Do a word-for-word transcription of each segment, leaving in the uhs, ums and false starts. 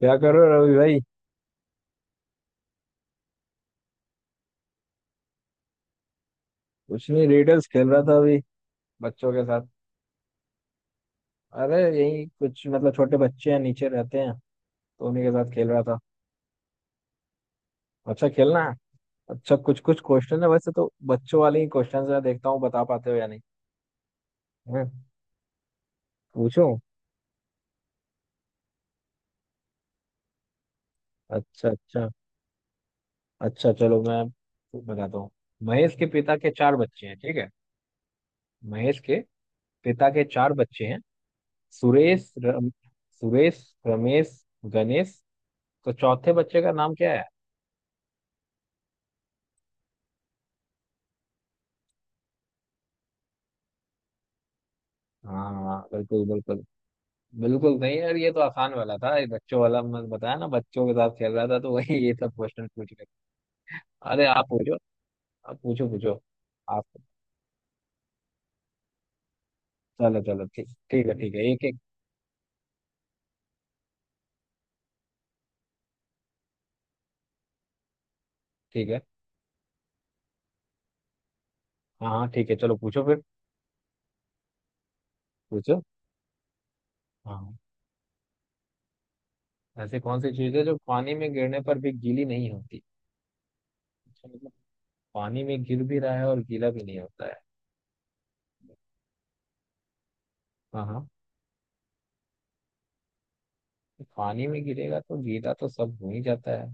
क्या कर रहे हो रवि भाई। कुछ नहीं, रिडल्स खेल रहा था अभी, बच्चों के साथ। अरे यही कुछ मतलब छोटे बच्चे हैं, नीचे रहते हैं, तो उन्हीं के साथ खेल रहा था। अच्छा खेलना है। अच्छा कुछ कुछ क्वेश्चन है, वैसे तो बच्चों वाले ही क्वेश्चन मैं देखता हूँ, बता पाते हो या नहीं। हम्म, पूछूं? अच्छा अच्छा। अच्छा चलो मैं बताता हूँ। महेश के पिता के चार बच्चे हैं, ठीक है। महेश के पिता के चार बच्चे हैं, सुरेश रम, सुरेश रमेश गणेश। तो चौथे बच्चे का नाम क्या है? हाँ बिल्कुल बिल्कुल। बिल्कुल नहीं यार, ये तो आसान वाला था। ये बच्चों वाला मैं बताया ना, बच्चों के साथ खेल रहा था तो वही ये सब क्वेश्चन पूछ रहे थे। अरे आप पूछो, आप पूछो पूछो। आप चलो चलो, ठीक ठीक है, ठीक है एक एक। ठीक है। हाँ हाँ ठीक है, चलो पूछो फिर। पूछो। हाँ, ऐसी कौन सी चीज है जो पानी में गिरने पर भी गीली नहीं होती। अच्छा, मतलब पानी में गिर भी रहा है और गीला भी नहीं होता है। हाँ हाँ। पानी में गिरेगा तो गीला तो सब हो ही जाता है।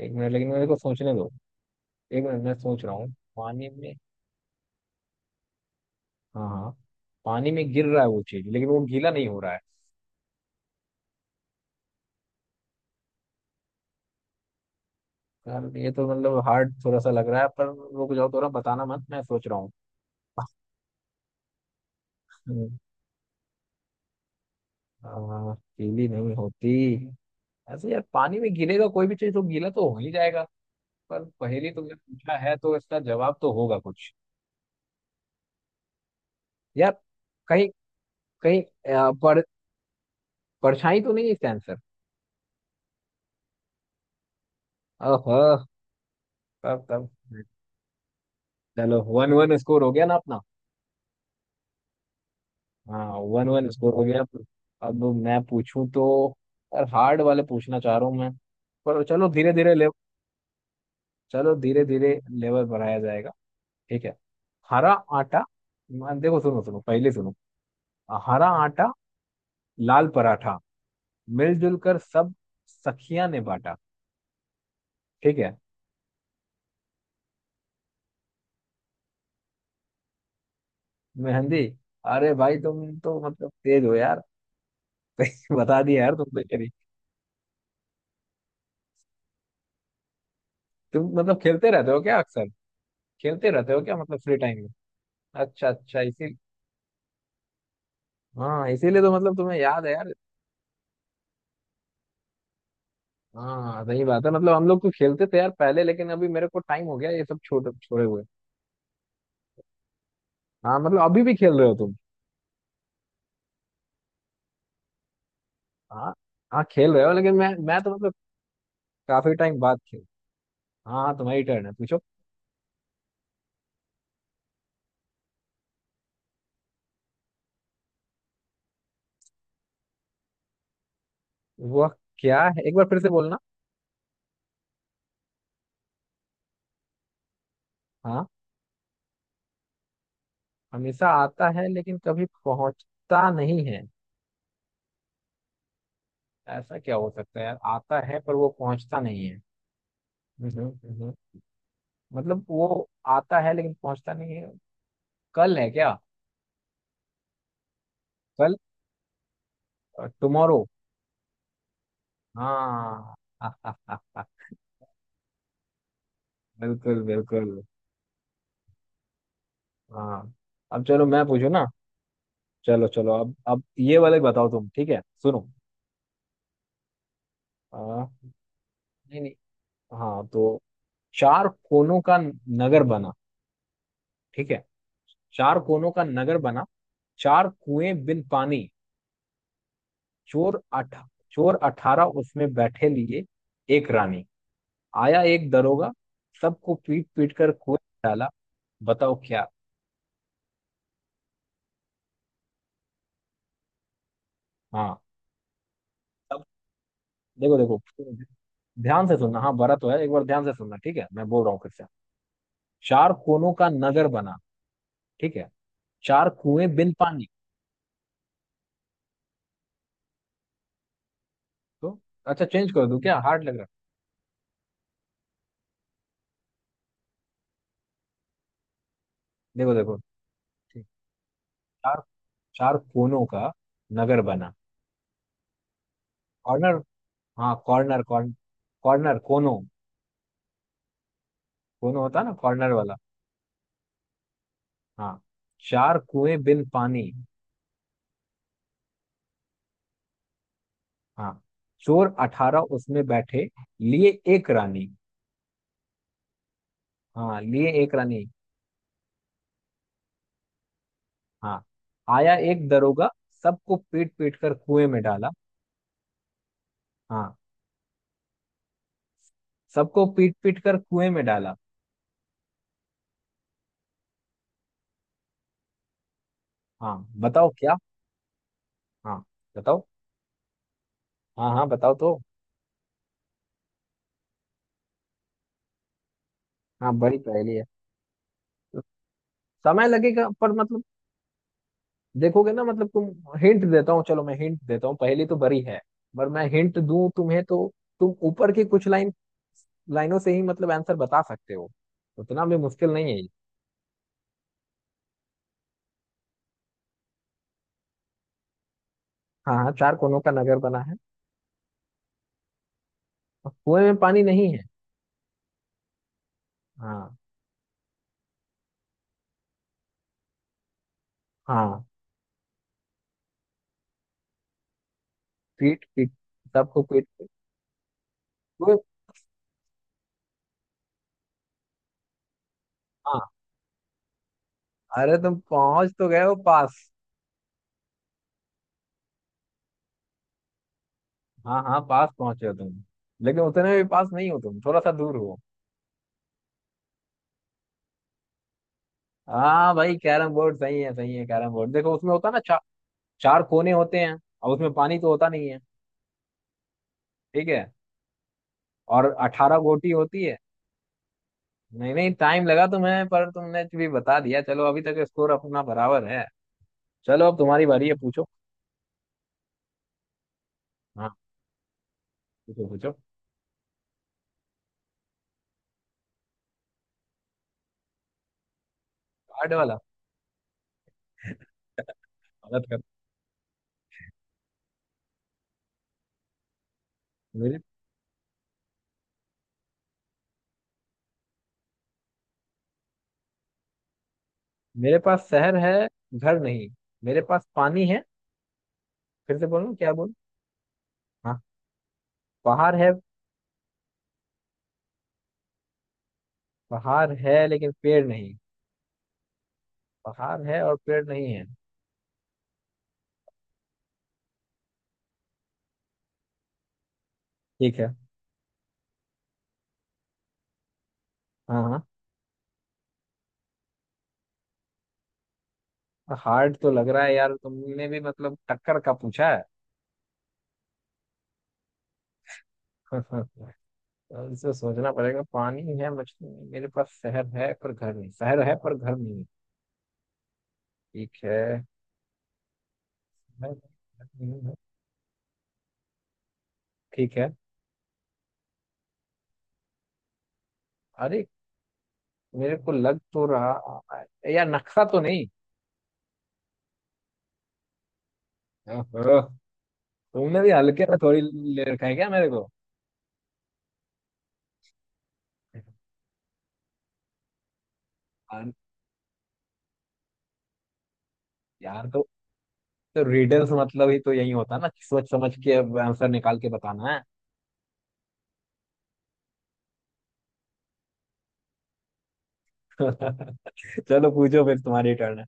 एक मिनट, लेकिन मेरे को सोचने दो। एक मिनट, मैं सोच रहा हूँ। पानी में, हाँ हाँ, पानी में गिर रहा है वो चीज लेकिन वो गीला नहीं हो रहा है। यार ये तो मतलब हार्ड थोड़ा सा लग रहा है पर, रुक जाओ थोड़ा, बताना मत, मैं सोच रहा हूँ। हम्म, आ, गीली नहीं होती। ऐसे यार पानी में गिरेगा कोई भी चीज तो गीला तो हो ही जाएगा। पर पहेली तुमने पूछा है तो इसका जवाब तो होगा कुछ। यार कहीं, कहीं आ, पर, परछाई तो नहीं है इसका आंसर? ओह। तब तब चलो वन वन स्कोर हो गया ना अपना। हाँ वन वन स्कोर हो गया। अब मैं पूछूं तो? यार हार्ड वाले पूछना चाह रहा हूँ मैं। पर चलो धीरे धीरे ले, चलो धीरे धीरे लेवल बढ़ाया जाएगा, ठीक है। हरा आटा, मैं- देखो सुनो सुनो पहले सुनो। हरा आटा, लाल पराठा, मिलजुल कर सब सखियां ने बांटा, ठीक है। मेहंदी। अरे भाई तुम तो मतलब तेज हो यार। सही बता दिया यार, तुम तो यार। तुम मतलब खेलते रहते हो क्या अक्सर? खेलते रहते हो क्या मतलब फ्री टाइम में? अच्छा अच्छा इसी। हाँ इसीलिए तो मतलब तुम्हें याद है यार। हाँ सही बात है, मतलब हम लोग तो खेलते थे यार पहले, लेकिन अभी मेरे को टाइम हो गया ये सब छोड़ छोड़े हुए। हाँ मतलब अभी भी खेल रहे हो तुम। हाँ हाँ खेल रहे हो, लेकिन मैं मैं तो मतलब काफी टाइम बाद खेल। हाँ तुम्हारी टर्न है, पूछो। वह क्या है, एक बार फिर से बोलना। हाँ हमेशा आता है लेकिन कभी पहुंचता नहीं है। ऐसा क्या हो सकता है यार, आता है पर वो पहुंचता नहीं है। हम्म, हम्म, हम्म। मतलब वो आता है लेकिन पहुंचता नहीं है। कल है क्या? कल, टुमारो। हाँ। बिल्कुल बिल्कुल। हाँ अब चलो मैं पूछू ना। चलो चलो, अब अब ये वाले बताओ तुम, ठीक है सुनो। आ, नहीं नहीं हाँ तो, चार कोनों का नगर बना, ठीक है। चार कोनों का नगर बना, चार कुएं बिन पानी, चोर अठ चोर अठारह उसमें बैठे, लिए एक रानी, आया एक दरोगा, सबको पीट पीट कर कुएं में डाला। बताओ क्या। हाँ सब, देखो देखो ध्यान से सुनना। हाँ बड़ा तो है, एक बार ध्यान से सुनना, ठीक है मैं बोल रहा हूँ फिर से। चार कोनों का नगर बना, ठीक है, चार कुएं बिन पानी, तो अच्छा चेंज कर दूं क्या, हार्ड लग रहा है? देखो देखो। ठीक, चार, चार कोनों का नगर बना। कॉर्नर, हाँ कॉर्नर कॉर्न कॉर्नर कोनों, कोनों होता है ना कॉर्नर वाला। हाँ, चार कुएं बिन पानी। हाँ, चोर अठारह उसमें बैठे, लिए एक रानी। हाँ लिए एक रानी। हाँ, आया एक दरोगा, सबको पीट पीट कर कुएं में डाला। हाँ, सबको पीट पीट कर कुएं में डाला। हाँ बताओ क्या। हाँ बताओ। हाँ हाँ बताओ तो। हाँ बड़ी पहेली है। समय लगेगा पर मतलब, देखोगे ना मतलब तुम, हिंट देता हूँ, चलो मैं हिंट देता हूँ। पहेली तो बड़ी है पर मैं हिंट दूं तुम्हें तो तुम ऊपर की कुछ लाइन लाइनों से ही मतलब आंसर बता सकते हो, उतना भी मुश्किल नहीं है ये। हाँ हाँ चार कोनों का नगर बना है। और कुएं में पानी नहीं है। हाँ। हाँ पीट पीट, सबको पीट पीट, कुएं। हाँ अरे तुम पहुंच तो गए हो पास। हाँ हाँ पास पहुंचे हो तुम, लेकिन उतने भी पास नहीं हो तुम, थोड़ा सा दूर हो। हाँ भाई कैरम बोर्ड सही है, सही है कैरम बोर्ड। देखो उसमें होता है ना चा, चार कोने होते हैं और उसमें पानी तो होता नहीं है, ठीक है। और अठारह गोटी होती है। नहीं नहीं टाइम लगा तुम्हें पर तुमने भी बता दिया, चलो अभी तक स्कोर अपना बराबर है। चलो अब तुम्हारी बारी है पूछो। हाँ पूछो पूछो। कार्ड वाला? मदद कर। मेरे मेरे पास शहर है, घर नहीं। मेरे पास पानी है। फिर से बोलूं क्या, बोलूं? हाँ पहाड़ है। पहाड़ है लेकिन पेड़ नहीं। पहाड़ है और पेड़ नहीं है। ठीक है। हाँ हाँ। हार्ड तो लग रहा है यार, तुमने भी मतलब टक्कर का पूछा है। तो इसे सोचना पड़ेगा। पानी है मछली है, मेरे पास शहर है पर घर नहीं, शहर है पर घर नहीं है। ठीक है। है, नहीं है। ठीक है। अरे मेरे को लग तो रहा है। यार नक्शा तो नहीं? ओहो, तुमने भी हल्के में थोड़ी ले रखा है क्या मेरे को। यार यार, तो, तो रिडल्स मतलब ही तो यही होता है ना, कि सोच समझ के आंसर निकाल के बताना है। चलो पूछो फिर, तुम्हारी टर्न है।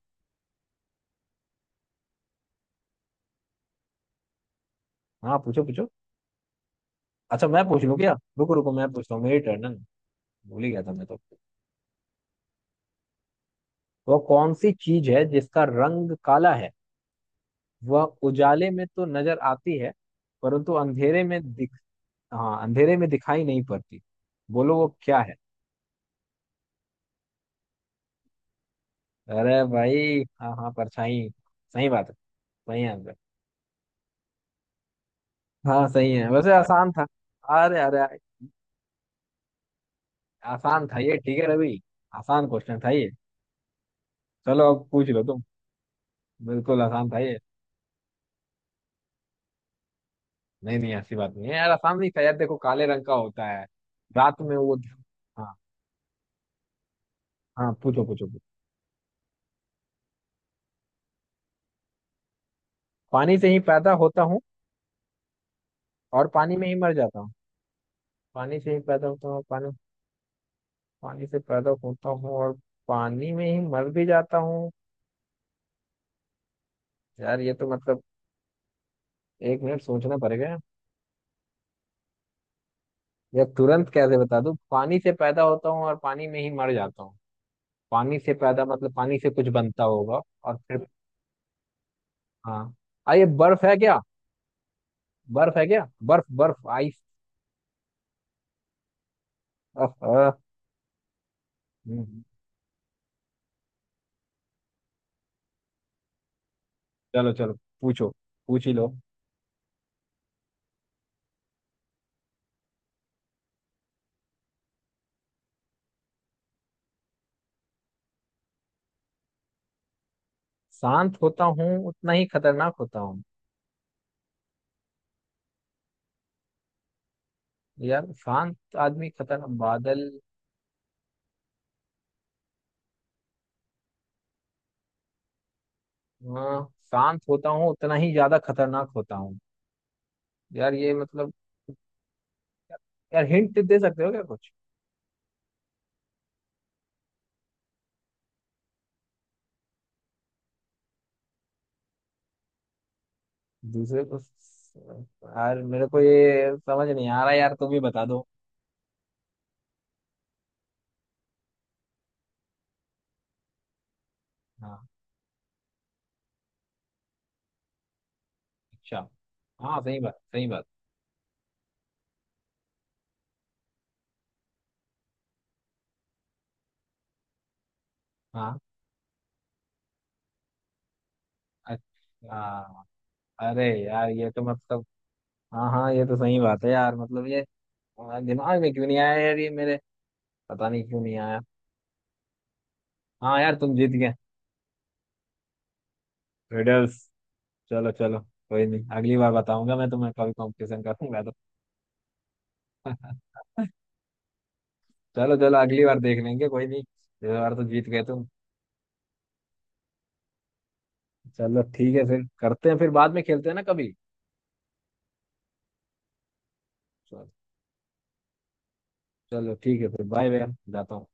हाँ पूछो पूछो। अच्छा मैं पूछ लूँ क्या? रुको रुको मैं पूछता हूँ, मेरी टर्न है ना, भूल ही गया था मैं तो। वह कौन सी चीज है जिसका रंग काला है, वह उजाले में तो नजर आती है परंतु अंधेरे में दिख, हाँ अंधेरे में दिखाई नहीं पड़ती। बोलो वो क्या है। अरे भाई हाँ हाँ परछाई, सही बात है, सही आंसर। हाँ सही है वैसे, आसान था। अरे अरे, आसान था ये, ठीक है रवि, आसान क्वेश्चन था ये। चलो अब पूछ लो तुम। बिल्कुल आसान था ये। नहीं नहीं ऐसी बात नहीं है यार, असामी का यार देखो काले रंग का होता है, रात में वो। हाँ। हाँ पूछो पूछो पूछो। पानी से ही पैदा होता हूँ और पानी में ही मर जाता हूँ। पानी से ही पैदा होता हूँ और पानी, पानी से पैदा होता हूँ और पानी में ही मर भी जाता हूँ। यार ये तो मतलब, एक मिनट सोचना पड़ेगा। यार तुरंत कैसे बता दूँ, पानी से पैदा होता हूँ और पानी में ही मर जाता हूँ, पानी से पैदा मतलब पानी से कुछ बनता होगा और फिर, हाँ, आ ये बर्फ है क्या? बर्फ है क्या, बर्फ बर्फ। आइस। चलो चलो, पूछो, पूछ ही लो। शांत होता हूँ उतना ही खतरनाक होता हूँ। यार शांत आदमी खतरनाक बादल। हाँ शांत होता हूँ उतना ही ज्यादा खतरनाक होता हूँ। यार ये मतलब, यार हिंट दे सकते हो क्या कुछ? दूसरे को, यार मेरे को ये समझ नहीं आ रहा यार, तुम ही बता दो। हाँ अच्छा। हाँ सही बात सही बात। हाँ अच्छा, अरे यार ये तो मतलब, हाँ हाँ ये तो सही बात है यार, मतलब ये, हाँ, दिमाग में क्यों नहीं आया यार ये मेरे, पता नहीं क्यों नहीं आया। हाँ यार तुम जीत गए। रिडल्स। चलो चलो कोई नहीं, अगली बार बताऊंगा मैं तुम्हें, कभी कंपटीशन करूंगा तो। चलो चलो अगली बार देख लेंगे, कोई नहीं, इस बार तो जीत गए तुम। चलो ठीक है फिर, करते हैं फिर बाद में, खेलते हैं ना कभी। चलो चलो ठीक है फिर, बाय बाय, जाता हूँ।